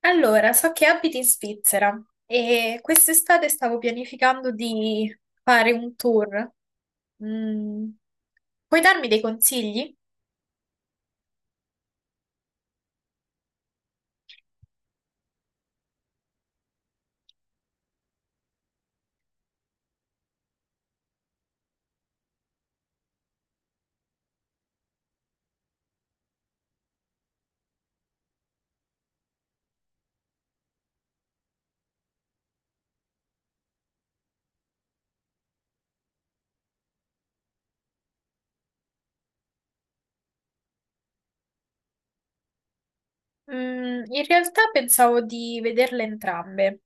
Allora, so che abiti in Svizzera e quest'estate stavo pianificando di fare un tour. Mm. Puoi darmi dei consigli? In realtà pensavo di vederle entrambe,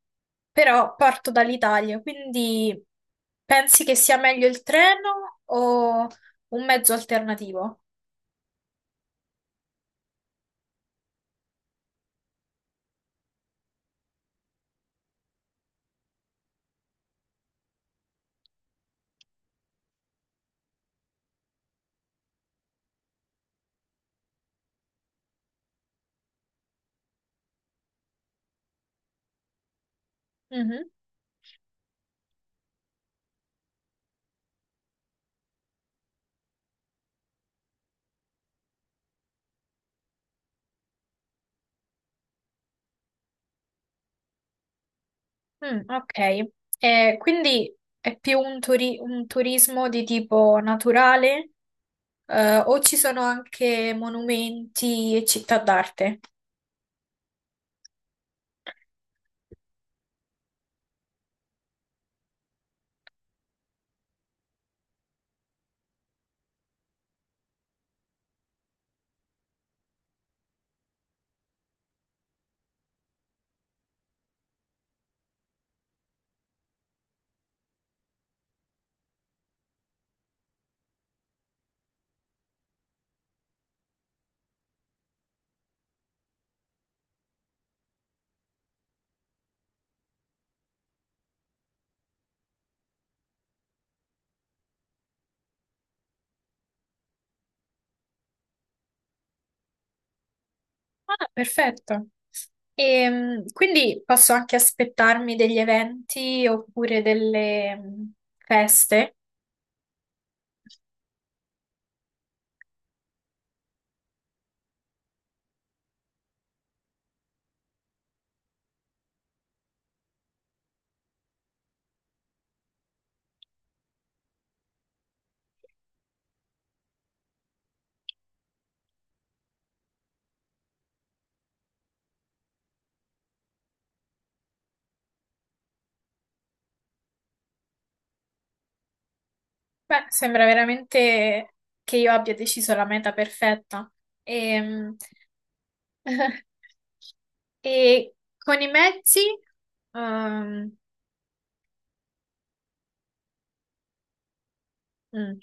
però parto dall'Italia, quindi pensi che sia meglio il treno o un mezzo alternativo? Mhm. Mm, ok. Quindi è più un turismo di tipo naturale, o ci sono anche monumenti e città d'arte? Ah, perfetto. E quindi posso anche aspettarmi degli eventi oppure delle feste? Beh, sembra veramente che io abbia deciso la meta perfetta. Ehm, E, con i mezzi, ehm, mm,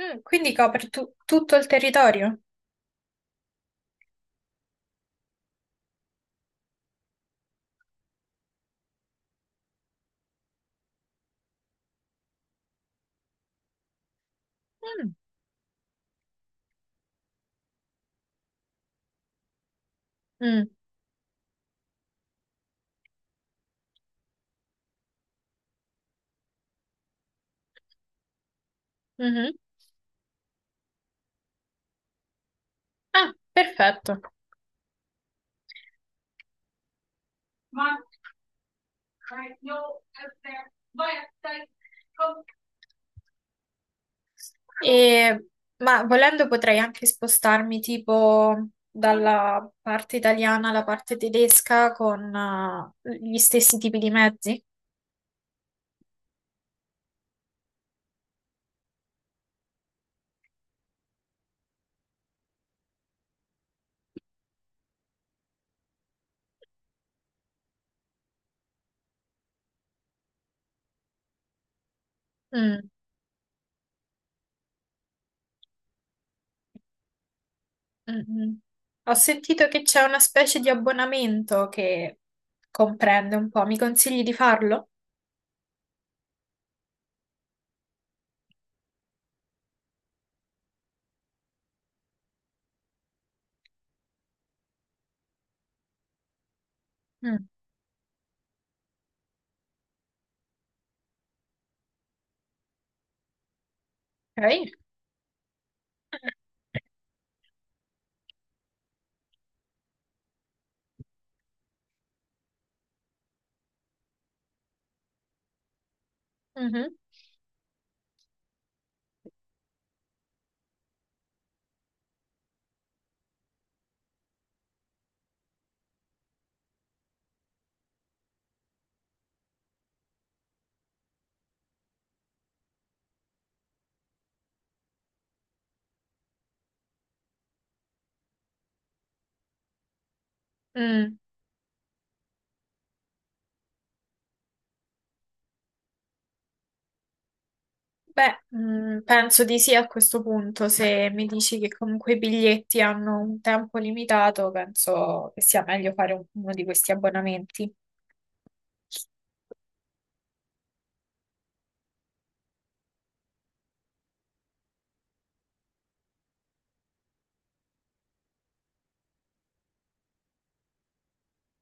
Quindi copre tutto il territorio? Mm. Mm, mhm. Ah, perfetto. E- ma volendo potrei anche spostarmi tipo dalla parte italiana alla parte tedesca con gli stessi tipi di mezzi. Mm, mm, mm. Ho sentito che c'è una specie di abbonamento che comprende un po'. Mi consigli di farlo? Mm, ok. Mhm. Mm. Beh, penso di sì a questo punto. Se mi dici che comunque i biglietti hanno un tempo limitato, penso che sia meglio fare uno di questi abbonamenti.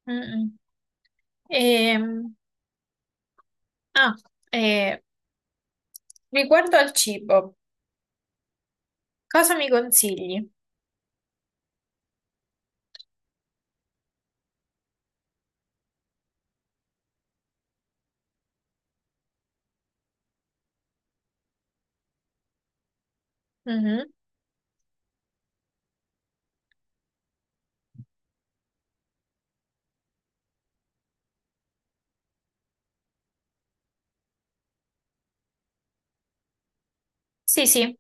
Mm-mm. Ehm, ah, eh, riguardo al cibo, cosa mi consigli? Mhm. Sì, sì.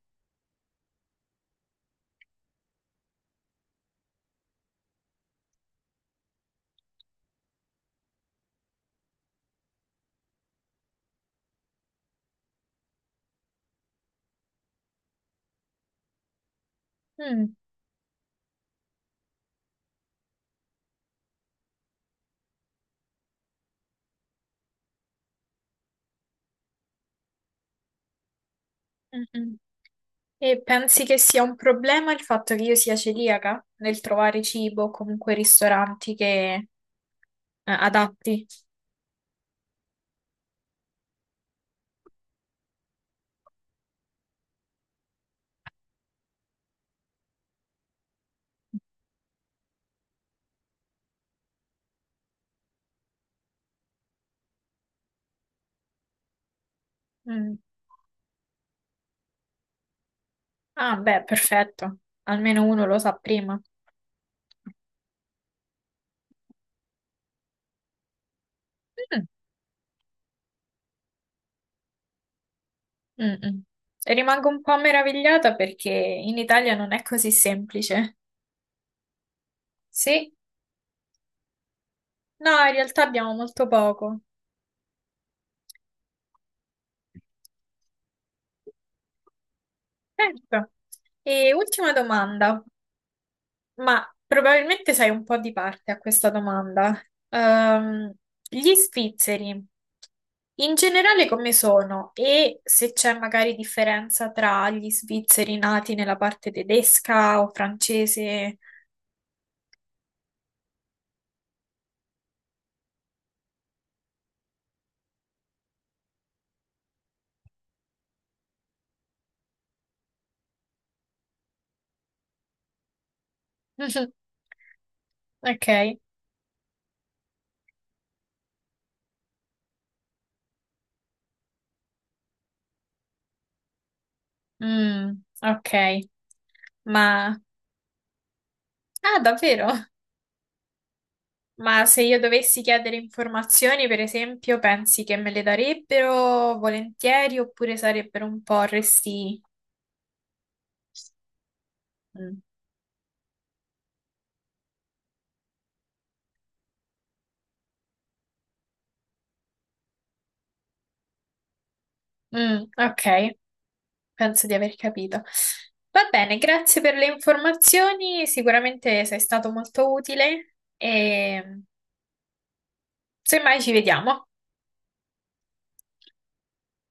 Mm, mm-mm. E pensi che sia un problema il fatto che io sia celiaca nel trovare cibo o comunque ristoranti che adatti? Mm. Ah, beh, perfetto. Almeno uno lo sa prima. Mm, mm, mm. E rimango un po' meravigliata perché in Italia non è così semplice. Sì, no, in realtà abbiamo molto poco. Certo. E ultima domanda. Ma probabilmente sei un po' di parte a questa domanda. Ehm, Gli svizzeri in generale come sono e se c'è magari differenza tra gli svizzeri nati nella parte tedesca o francese? Ok. Mm, ok, ma ah, davvero? Ma se io dovessi chiedere informazioni, per esempio, pensi che me le darebbero volentieri oppure sarebbero un po' resti? Mm. Mm, ok, penso di aver capito. Va bene, grazie per le informazioni, sicuramente sei stato molto utile e semmai ci vediamo.